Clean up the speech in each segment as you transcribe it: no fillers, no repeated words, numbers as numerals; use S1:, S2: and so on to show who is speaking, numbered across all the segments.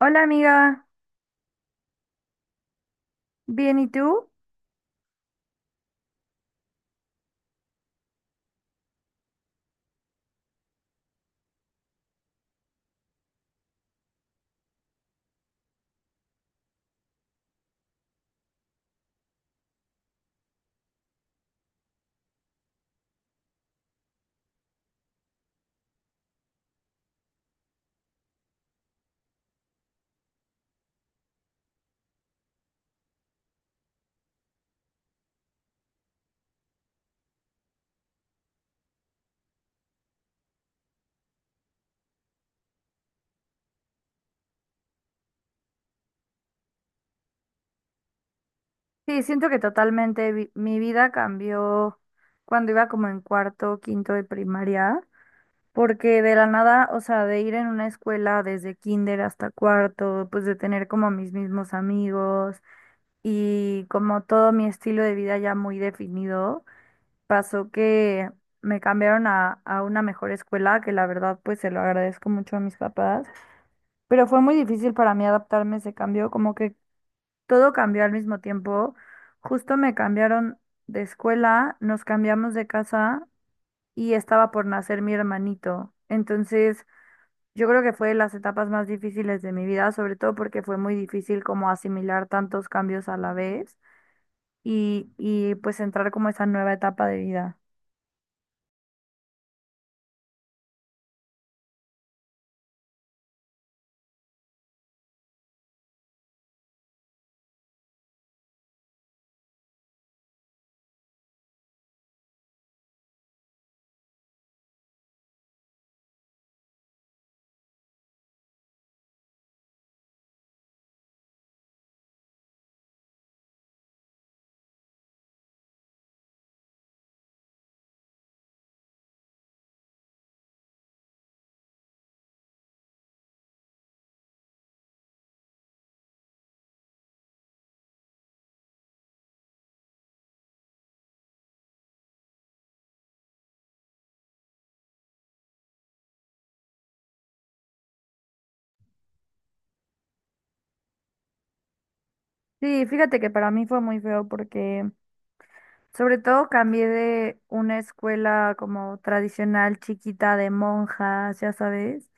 S1: Hola amiga, ¿bien y tú? Sí, siento que totalmente mi vida cambió cuando iba como en cuarto, quinto de primaria, porque de la nada, o sea, de ir en una escuela desde kinder hasta cuarto, pues de tener como mis mismos amigos y como todo mi estilo de vida ya muy definido, pasó que me cambiaron a una mejor escuela, que la verdad pues se lo agradezco mucho a mis papás, pero fue muy difícil para mí adaptarme a ese cambio, como que todo cambió al mismo tiempo. Justo me cambiaron de escuela, nos cambiamos de casa y estaba por nacer mi hermanito. Entonces, yo creo que fue de las etapas más difíciles de mi vida, sobre todo porque fue muy difícil como asimilar tantos cambios a la vez y pues entrar como a esa nueva etapa de vida. Sí, fíjate que para mí fue muy feo porque sobre todo cambié de una escuela como tradicional chiquita de monjas, ya sabes,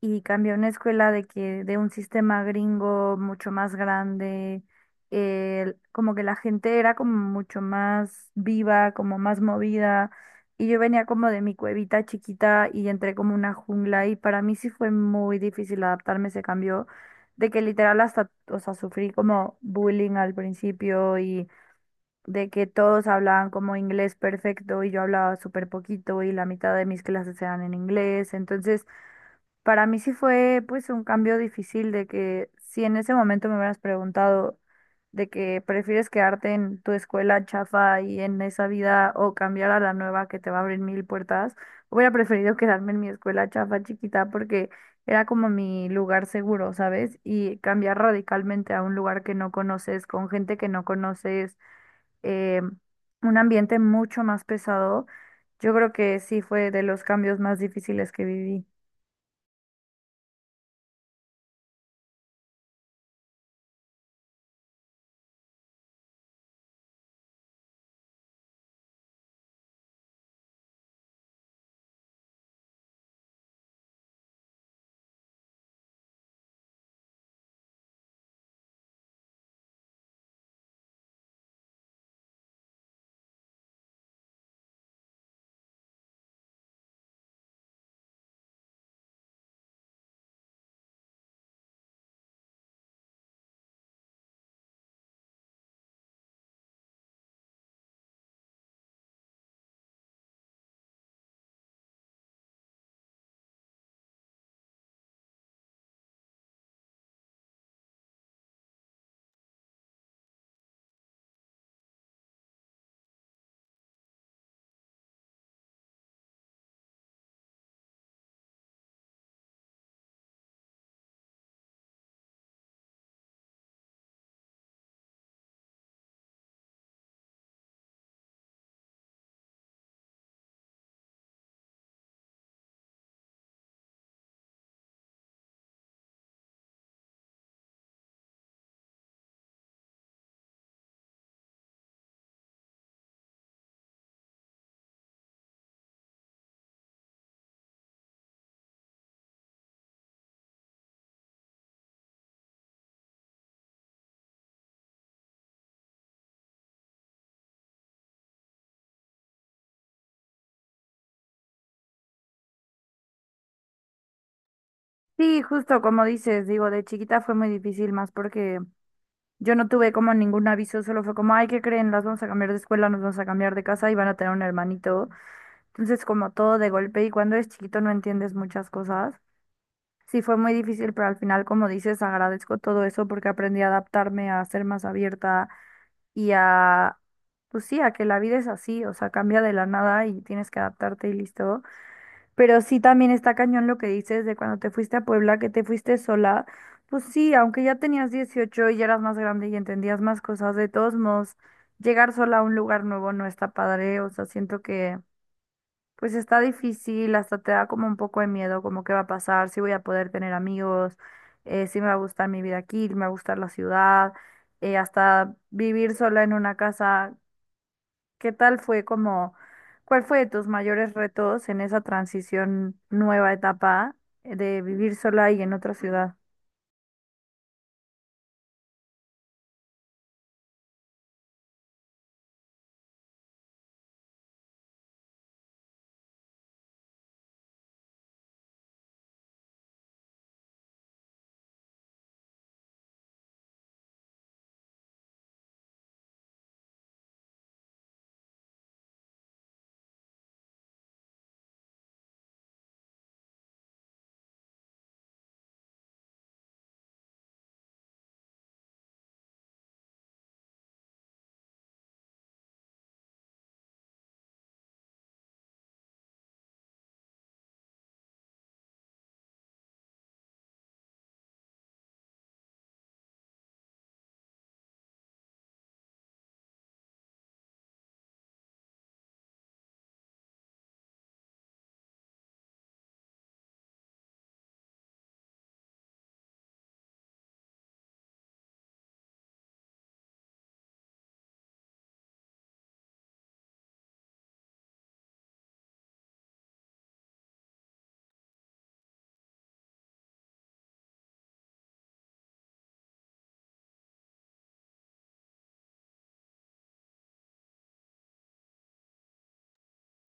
S1: y cambié a una escuela de que de un sistema gringo mucho más grande. Como que la gente era como mucho más viva, como más movida, y yo venía como de mi cuevita chiquita y entré como una jungla, y para mí sí fue muy difícil adaptarme a ese cambio, de que literal hasta, o sea, sufrí como bullying al principio, y de que todos hablaban como inglés perfecto y yo hablaba súper poquito y la mitad de mis clases eran en inglés, entonces... Para mí sí fue pues un cambio difícil, de que si en ese momento me hubieras preguntado de que prefieres quedarte en tu escuela chafa y en esa vida o cambiar a la nueva que te va a abrir mil puertas, hubiera preferido quedarme en mi escuela chafa chiquita porque era como mi lugar seguro, ¿sabes? Y cambiar radicalmente a un lugar que no conoces, con gente que no conoces, eh, un ambiente mucho más pesado, yo creo que sí fue de los cambios más difíciles que viví. Sí, justo como dices, digo, de chiquita fue muy difícil más porque yo no tuve como ningún aviso, solo fue como, ay, ¿qué creen? Las vamos a cambiar de escuela, nos vamos a cambiar de casa y van a tener un hermanito. Entonces, como todo de golpe, y cuando eres chiquito no entiendes muchas cosas. Sí, fue muy difícil, pero al final, como dices, agradezco todo eso porque aprendí a adaptarme, a ser más abierta y a, pues sí, a que la vida es así, o sea, cambia de la nada y tienes que adaptarte y listo. Pero sí también está cañón lo que dices de cuando te fuiste a Puebla, que te fuiste sola. Pues sí, aunque ya tenías 18 y ya eras más grande y entendías más cosas, de todos modos, llegar sola a un lugar nuevo no está padre. O sea, siento que pues está difícil, hasta te da como un poco de miedo, como qué va a pasar, si voy a poder tener amigos, si me va a gustar mi vida aquí, me va a gustar la ciudad, hasta vivir sola en una casa. ¿Qué tal fue como, cuál fue de tus mayores retos en esa transición nueva etapa, de vivir sola y en otra ciudad?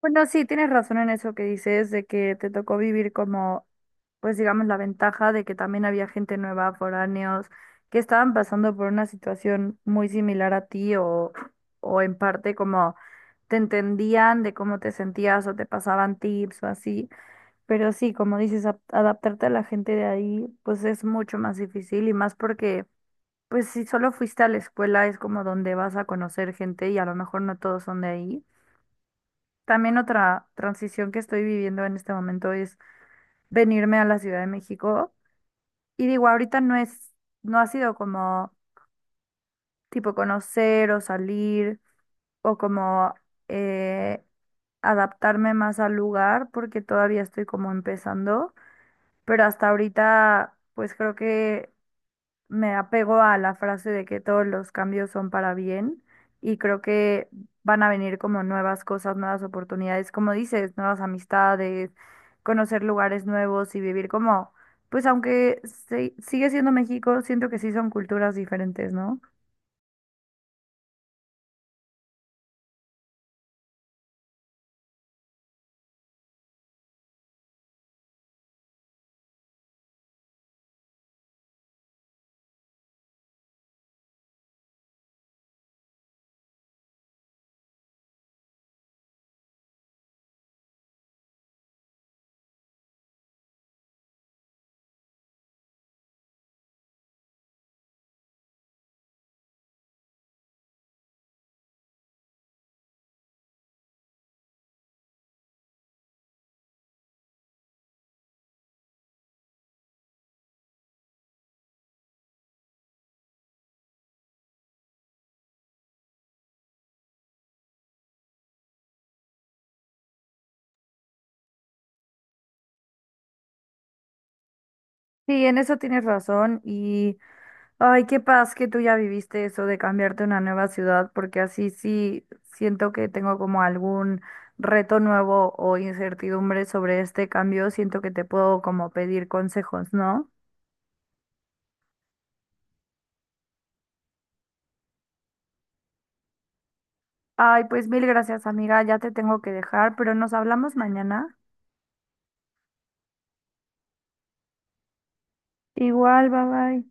S1: Bueno, sí, tienes razón en eso que dices, de que te tocó vivir como, pues digamos, la ventaja de que también había gente nueva, foráneos, que estaban pasando por una situación muy similar a ti, o en parte como te entendían de cómo te sentías o te pasaban tips o así. Pero sí, como dices, adaptarte a la gente de ahí, pues es mucho más difícil y más porque, pues si solo fuiste a la escuela es como donde vas a conocer gente y a lo mejor no todos son de ahí. También otra transición que estoy viviendo en este momento es venirme a la Ciudad de México. Y digo, ahorita no es, no ha sido como tipo conocer o salir o como eh, adaptarme más al lugar porque todavía estoy como empezando, pero hasta ahorita, pues creo que me apego a la frase de que todos los cambios son para bien, y creo que van a venir como nuevas cosas, nuevas oportunidades, como dices, nuevas amistades, conocer lugares nuevos y vivir como, pues aunque sigue siendo México, siento que sí son culturas diferentes, ¿no? Sí, en eso tienes razón. Y ay, qué paz que tú ya viviste eso de cambiarte a una nueva ciudad, porque así sí siento que tengo como algún reto nuevo o incertidumbre sobre este cambio. Siento que te puedo como pedir consejos, ¿no? Ay, pues mil gracias, amiga. Ya te tengo que dejar, pero nos hablamos mañana. Igual, bye bye.